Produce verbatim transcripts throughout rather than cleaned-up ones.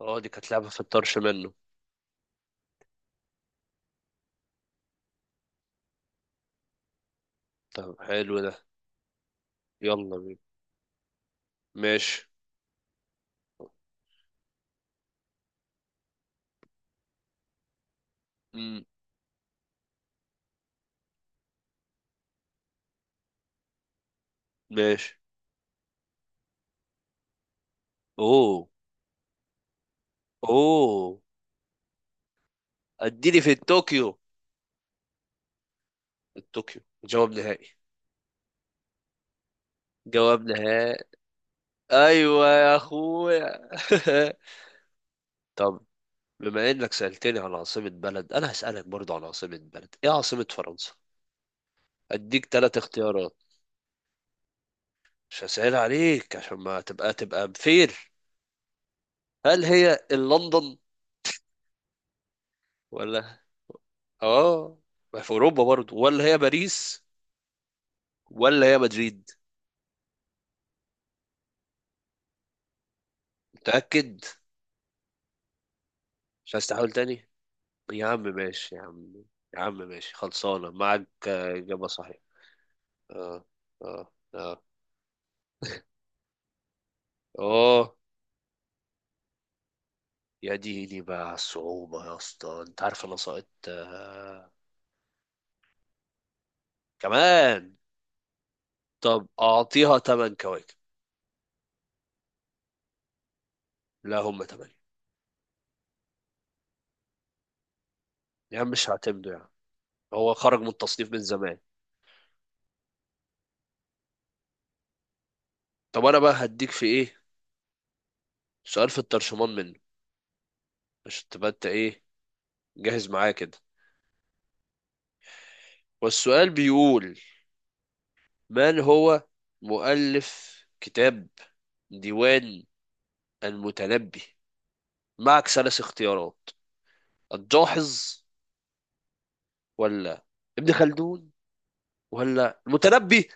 اه، دي كانت لعبة في الطرش منه. طب حلو ده. يلا بينا. ماشي. مم. ماشي. اوه. اوه. اديني في الطوكيو. الطوكيو جواب نهائي. جواب نهائي. ايوه يا اخويا. طب بما انك سألتني عن عاصمة بلد، انا هسألك برضو عن عاصمة بلد. ايه عاصمة فرنسا؟ اديك ثلاث اختيارات. مش هسهل عليك عشان ما تبقى تبقى بفير. هل هي لندن ولا اه ما في اوروبا برضو، ولا هي باريس، ولا هي مدريد؟ متأكد؟ مش عايز تحاول تاني؟ يا عم ماشي يا عم. يا عم ماشي، خلصانة معاك. آه، إجابة صحيحة. اه اه. اه اه، يا ديني بقى على الصعوبة يا اسطى. انت عارف انا سقطت آه. كمان؟ طب اعطيها تمن كواكب. لا هم تمانية. يا عم مش هعتمده يا عم. هو خرج من التصنيف من زمان. طب انا بقى هديك في ايه سؤال في الترشمان منه، عشان تبقى انت ايه جاهز معايا كده. والسؤال بيقول: من هو مؤلف كتاب ديوان المتنبي؟ معك ثلاث اختيارات: الجاحظ، ولا ابن خلدون، ولا المتنبي؟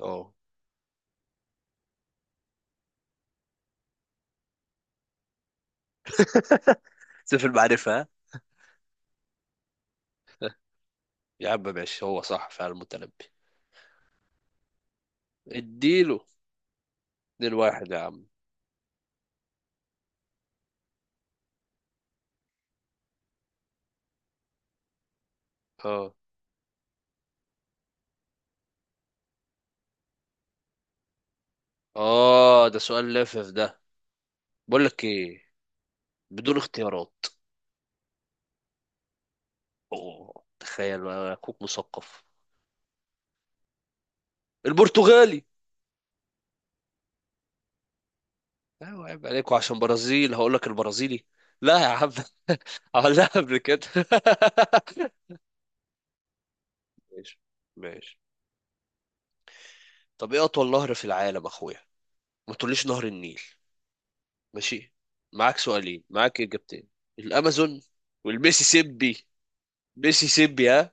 اه سيف المعرفة ها. يا عم ماشي، هو صح فعلا المتنبي. اديله اتنين واحد يا عم. اه اه، ده سؤال لافف ده. بقول لك ايه، بدون اختيارات. اوه تخيل بقى، اخوك مثقف. البرتغالي. ايوه، عيب عليكوا. عشان برازيل هقول لك البرازيلي؟ لا يا عم. اه لا قبل كده. ماشي ماشي. طب ايه اطول نهر في العالم اخويا؟ ما تقوليش نهر النيل. ماشي. معاك سؤالين، معاك اجابتين. الامازون والميسيسيبي. ميسيسيبي ها.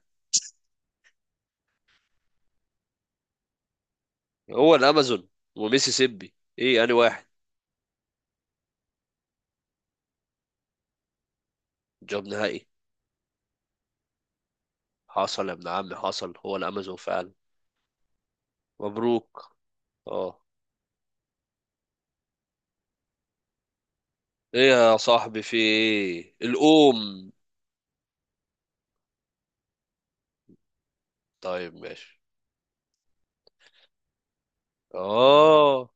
هو الامازون وميسيسيبي، ايه انا واحد؟ جواب نهائي. حصل يا ابن عمي، حصل، هو الامازون فعلا. مبروك. اه. ايه يا صاحبي، في ايه الام؟ طيب ماشي. اه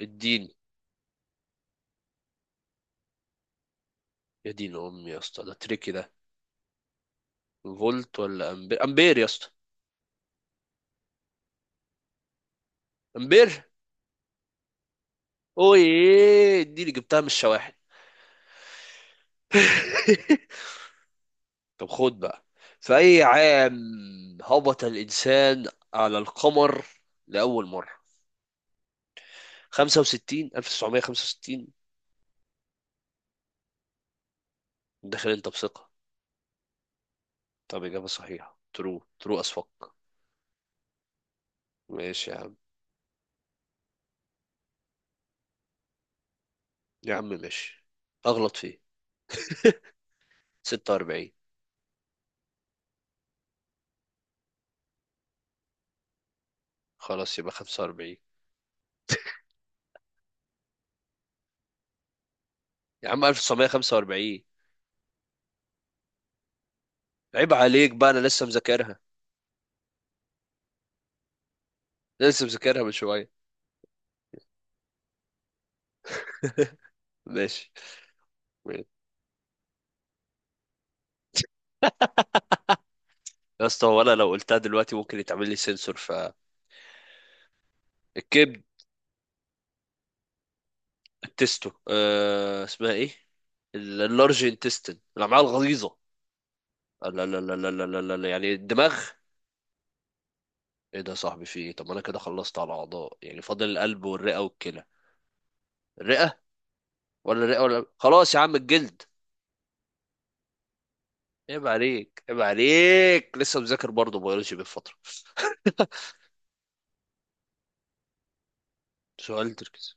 الدين، يا دين امي يا اسطى، ده تريكي ده. فولت ولا امبير؟ امبير يا اسطى. امبير. اوه، دي اللي جبتها من الشواحن. طب خد بقى. في أي عام هبط الإنسان على القمر لأول مرة؟ خمسة وستين، ألف وتسعمية وخمسة وستين. داخل أنت بثقة. طب إجابة صحيحة. ترو ترو أس فك. ماشي يا عم. يا عم ماشي، أغلط فيه. ستة وأربعين. خلاص يبقى خمسة وأربعين. يا عم ألف وتسعمية وخمسة وأربعين. عيب عليك بقى، أنا لسه مذاكرها. لسه مذاكرها من شوية. ماشي. يا اسطى، ولا لو قلتها دلوقتي ممكن يتعمل لي سنسور فالكبد. التستو آه اسمها ايه؟ اللارج انتستين، الامعاء الغليظه. لا لا لا لا لا لا لا لا. يعني الدماغ. ايه ده يا صاحبي، في ايه؟ طب ما انا كده خلصت على الاعضاء يعني، فاضل القلب والرئه والكلى. الرئه؟ ولا الرئه، ولا خلاص يا عم الجلد. عيب عليك، عيب عليك، لسه مذاكر برضه بيولوجي بالفتره. سؤال تركيز.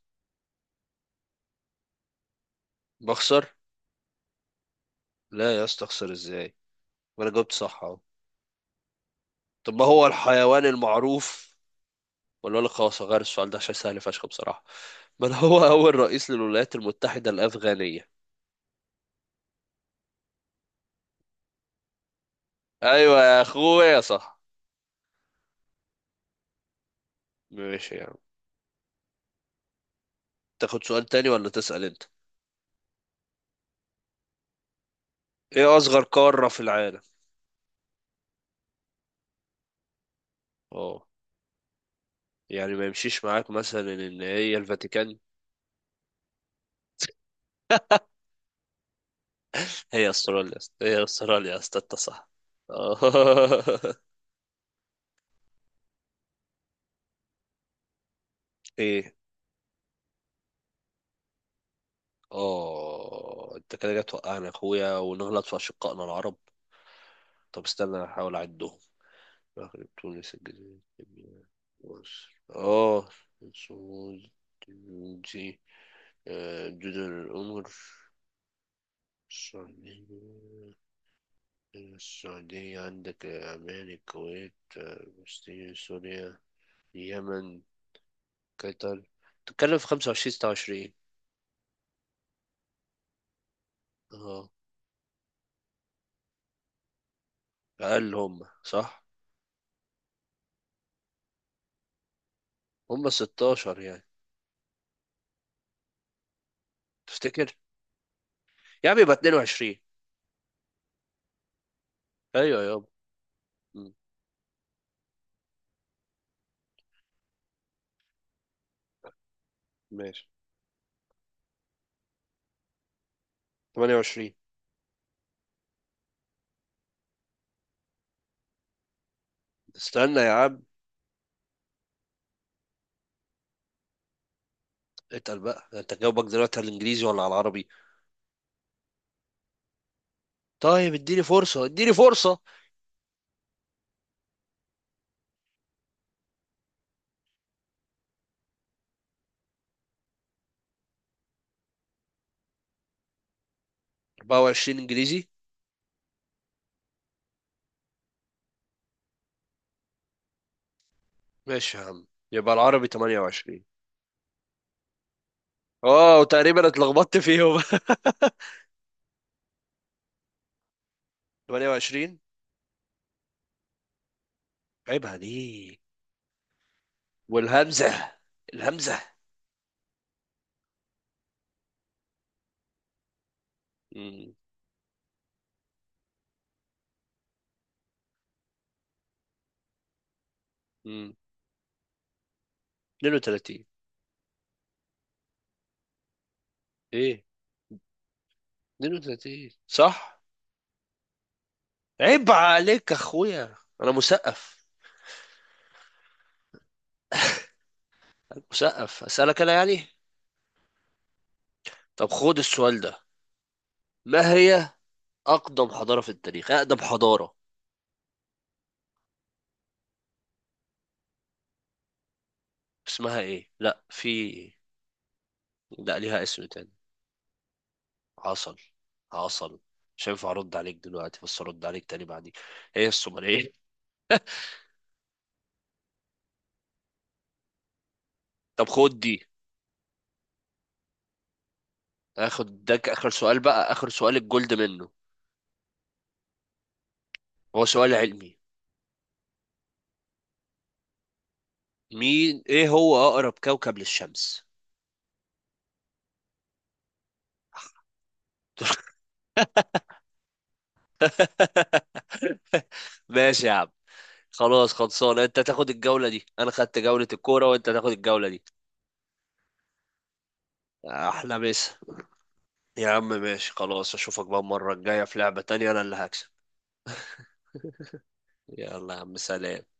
بخسر؟ لا يا اسطى، اخسر ازاي وانا جاوبت صح اهو. طب ما هو الحيوان المعروف، ولا اقول لك خلاص هغير السؤال ده عشان سهل فشخ بصراحة. من هو أول رئيس للولايات المتحدة الأفغانية؟ أيوة يا أخويا صح. ماشي يا عم. تاخد سؤال تاني ولا تسأل أنت؟ إيه أصغر قارة في العالم؟ أه. يعني ما يمشيش معاك مثلا إن هي الفاتيكان. هي أستراليا يا اسطى. هي أستراليا يا اسطى، أنت صح. آه. إيه؟ أه أنت كده جاي توقعنا يا أخويا، ونغلط في أشقائنا العرب. طب استنى أحاول أعدهم. المغرب، تونس، الجزائر، ليبيا، مصر، اه، سعود، جيبوتي، آه، جزر القمر، السعودية. السعودية عندك، آه، عمان، الكويت، آه، فلسطين، سوريا، اليمن، قطر. تتكلم في خمسة وعشرين ستة وعشرين. اه أقل. هم صح هم ستاشر يعني، تفتكر؟ يا عم يبقى اتنين وعشرين. أيوة يابا. مم، ماشي. تمانية وعشرين. استنى يا عم. اتقل بقى، انت جاوبك دلوقتي على الانجليزي ولا على العربي؟ طيب اديني فرصة، اديني فرصة. أربعة وعشرين انجليزي. ماشي يا عم. يبقى العربي تمانية وعشرين. اه، وتقريبا اتلخبطت فيهم. تمانية وعشرين. عيب عليك. والهمزة. الهمزة. مم. مم. اتنين وتلاتين. ايه. اتنين وتلاتين صح. عيب عليك يا اخويا، انا مثقف. أنا مثقف اسالك انا يعني. طب خد السؤال ده. ما هي اقدم حضارة في التاريخ؟ اقدم حضارة، اسمها ايه؟ لا في، لا ليها اسم تاني. عسل. عسل. مش هينفع ارد عليك دلوقتي، بس ارد عليك تاني بعدين. هي الصومالية. طب خد دي. اخد ده اخر سؤال بقى، اخر سؤال الجولد منه. هو سؤال علمي. مين ايه هو اقرب كوكب للشمس؟ ماشي يا عم. خلاص، خلصان، انت تاخد الجولة دي. انا خدت جولة الكورة وانت تاخد الجولة دي. احلى مسا. يا عم ماشي خلاص. اشوفك بقى المرة الجاية في لعبة تانية، انا اللي هكسب. يلا يا عم سلام.